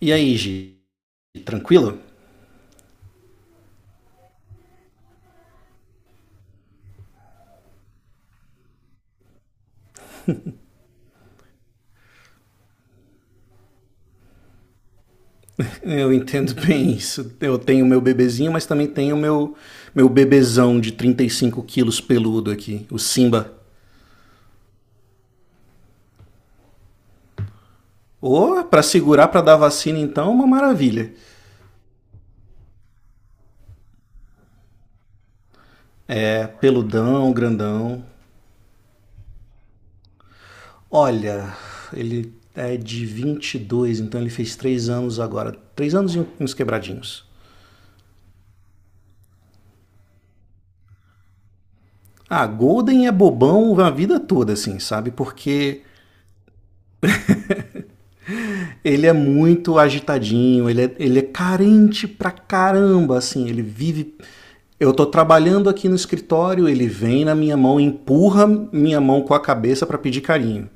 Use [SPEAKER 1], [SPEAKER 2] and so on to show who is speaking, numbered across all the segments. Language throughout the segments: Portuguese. [SPEAKER 1] E aí, Gi? Tranquilo? Eu entendo bem isso. Eu tenho meu bebezinho, mas também tenho meu bebezão de 35 quilos peludo aqui, o Simba. Pra segurar pra dar vacina então, é uma maravilha. É, peludão, grandão. Olha, ele é de 22. Então ele fez 3 anos agora. Três anos e uns quebradinhos. Ah, Golden é bobão a vida toda, assim, sabe? Porque ele é muito agitadinho, ele é carente pra caramba, assim, ele vive. Eu tô trabalhando aqui no escritório, ele vem na minha mão, empurra minha mão com a cabeça pra pedir carinho.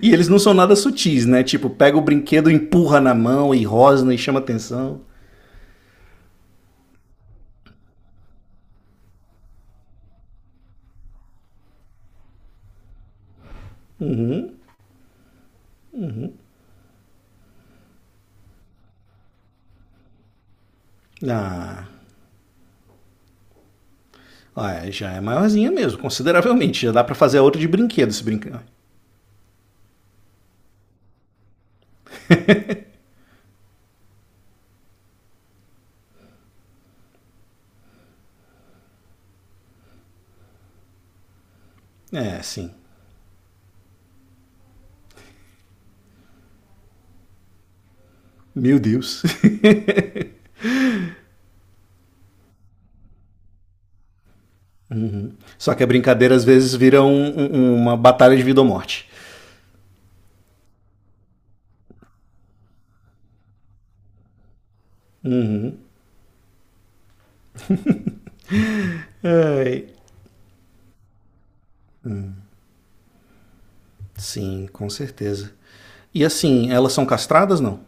[SPEAKER 1] E eles não são nada sutis, né? Tipo, pega o brinquedo, empurra na mão e rosna e chama atenção. Ah, olha, já é maiorzinha mesmo, consideravelmente. Já dá pra fazer a outra de brinquedo se brincar. É, sim. Meu Deus. Só que a brincadeira às vezes vira uma batalha de vida ou morte. Ai, sim, com certeza. E assim, elas são castradas, não?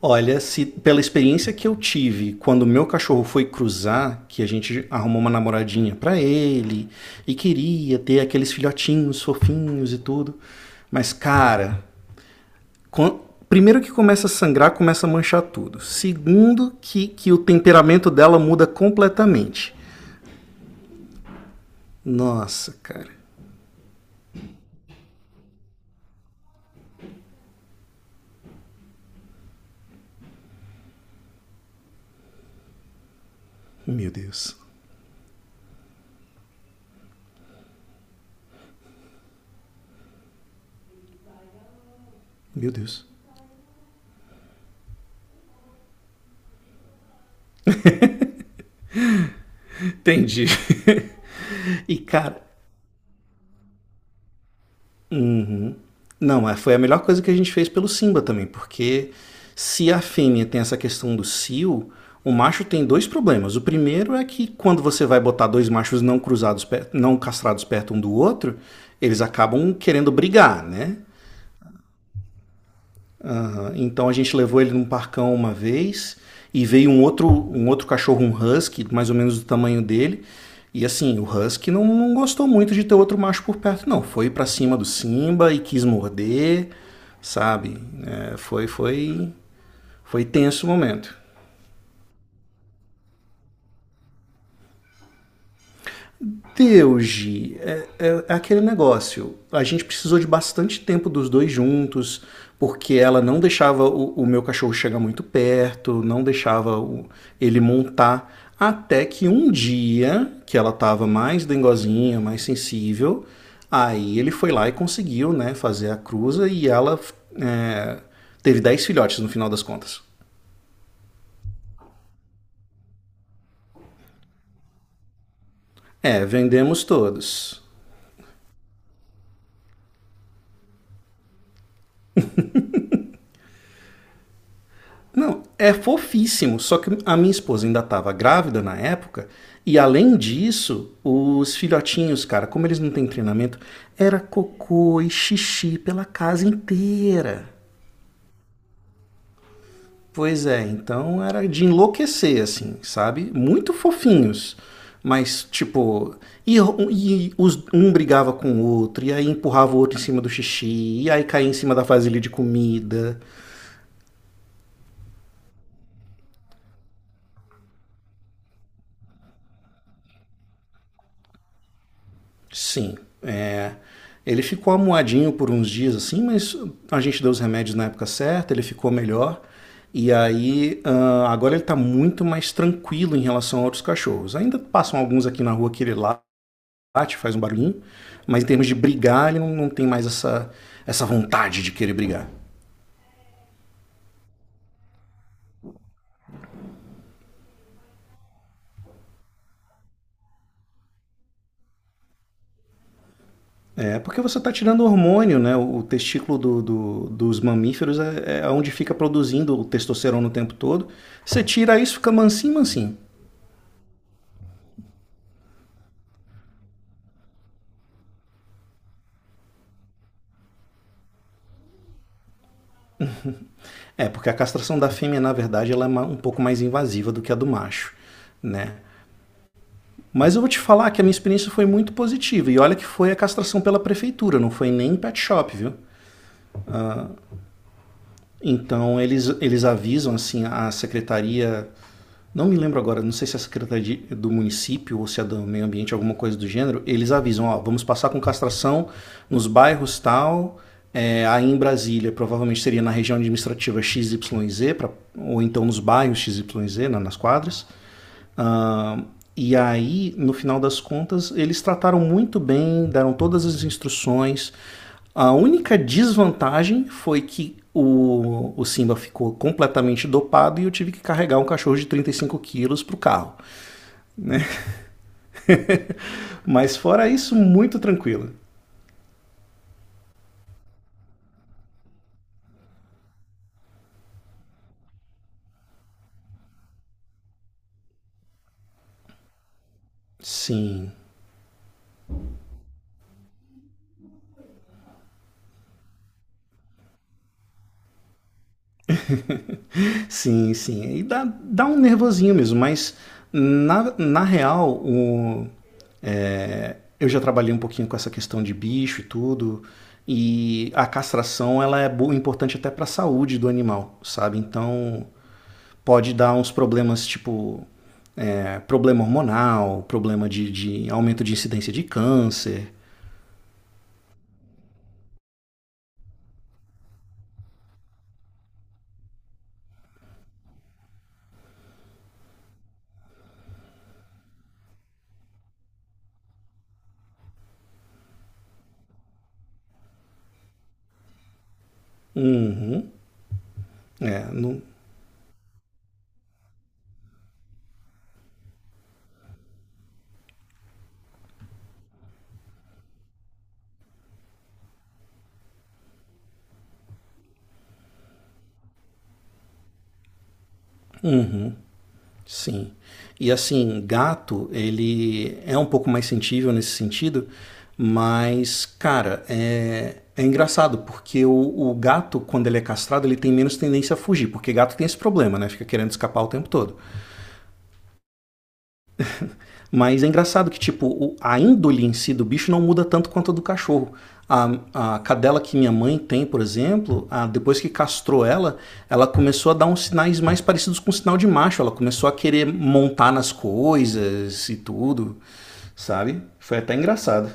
[SPEAKER 1] Olha, se pela experiência que eu tive quando meu cachorro foi cruzar, que a gente arrumou uma namoradinha pra ele e queria ter aqueles filhotinhos fofinhos e tudo, mas cara, quan- primeiro que começa a sangrar, começa a manchar tudo. Segundo que o temperamento dela muda completamente. Nossa, cara. Meu Deus. Meu Deus. Entendi. E cara, uhum, não, foi a melhor coisa que a gente fez pelo Simba também, porque se a fêmea tem essa questão do cio, o macho tem dois problemas. O primeiro é que quando você vai botar dois machos não cruzados, não castrados perto um do outro, eles acabam querendo brigar, né? Ah, então a gente levou ele num parcão uma vez e veio um outro cachorro, um husky, mais ou menos do tamanho dele. E assim, o husky não gostou muito de ter outro macho por perto, não. Foi para cima do Simba e quis morder, sabe? É, foi, foi, foi tenso o momento. Teuji, é aquele negócio. A gente precisou de bastante tempo dos dois juntos, porque ela não deixava o meu cachorro chegar muito perto, não deixava ele montar. Até que um dia, que ela estava mais dengozinha, mais sensível, aí ele foi lá e conseguiu, né, fazer a cruza e ela, é, teve 10 filhotes no final das contas. É, vendemos todos. Não, é fofíssimo. Só que a minha esposa ainda estava grávida na época. E além disso, os filhotinhos, cara, como eles não têm treinamento, era cocô e xixi pela casa inteira. Pois é, então era de enlouquecer, assim, sabe? Muito fofinhos. Mas, tipo, e, e os, um brigava com o outro, e aí empurrava o outro em cima do xixi, e aí caía em cima da vasilha de comida. Sim. É, ele ficou amuadinho por uns dias assim, mas a gente deu os remédios na época certa, ele ficou melhor. E aí, ah, agora ele tá muito mais tranquilo em relação a outros cachorros. Ainda passam alguns aqui na rua que ele late, faz um barulhinho, mas em termos de brigar, ele não tem mais essa, essa vontade de querer brigar. É porque você está tirando hormônio, né? O testículo dos mamíferos é, é onde fica produzindo o testosterona o tempo todo. Você tira isso, fica mansinho, mansinho. É, porque a castração da fêmea, na verdade, ela é um pouco mais invasiva do que a do macho, né? Mas eu vou te falar que a minha experiência foi muito positiva. E olha que foi a castração pela prefeitura, não foi nem em pet shop, viu? Então eles avisam assim a secretaria. Não me lembro agora, não sei se é a secretaria do município ou se é do meio ambiente, alguma coisa do gênero, eles avisam, ó, vamos passar com castração nos bairros tal, é, aí em Brasília, provavelmente seria na região administrativa X XYZ, pra, ou então nos bairros X XYZ, na, nas quadras, ah, e aí, no final das contas, eles trataram muito bem, deram todas as instruções. A única desvantagem foi que o Simba ficou completamente dopado e eu tive que carregar um cachorro de 35 quilos pro carro. Mas fora isso, muito tranquilo. Sim, sim, sim. E dá um nervosinho mesmo, mas na real, o, eu já trabalhei um pouquinho com essa questão de bicho e tudo, e a castração ela é importante até para a saúde do animal, sabe? Então pode dar uns problemas tipo é, problema hormonal, problema de aumento de incidência de câncer. Uhum. É, não, sim. E assim, gato, ele é um pouco mais sensível nesse sentido, mas, cara, é, é engraçado, porque o gato, quando ele é castrado, ele tem menos tendência a fugir, porque gato tem esse problema, né? Fica querendo escapar o tempo todo. Mas é engraçado que, tipo, a índole em si do bicho não muda tanto quanto a do cachorro. A, a cadela que minha mãe tem, por exemplo, depois que castrou ela, ela começou a dar uns sinais mais parecidos com o sinal de macho. Ela começou a querer montar nas coisas e tudo, sabe? Foi até engraçado.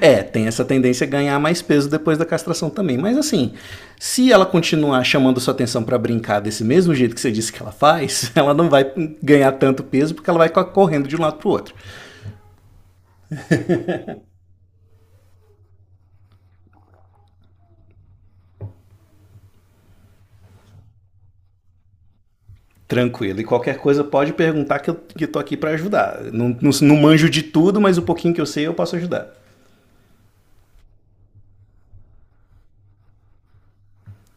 [SPEAKER 1] É, tem essa tendência a ganhar mais peso depois da castração também. Mas assim, se ela continuar chamando sua atenção pra brincar desse mesmo jeito que você disse que ela faz, ela não vai ganhar tanto peso porque ela vai correndo de um lado pro outro. Tranquilo. E qualquer coisa pode perguntar que eu que tô aqui para ajudar. Não, não manjo de tudo, mas o pouquinho que eu sei eu posso ajudar.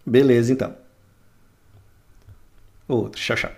[SPEAKER 1] Beleza, então. Outro. Tchau, tchau.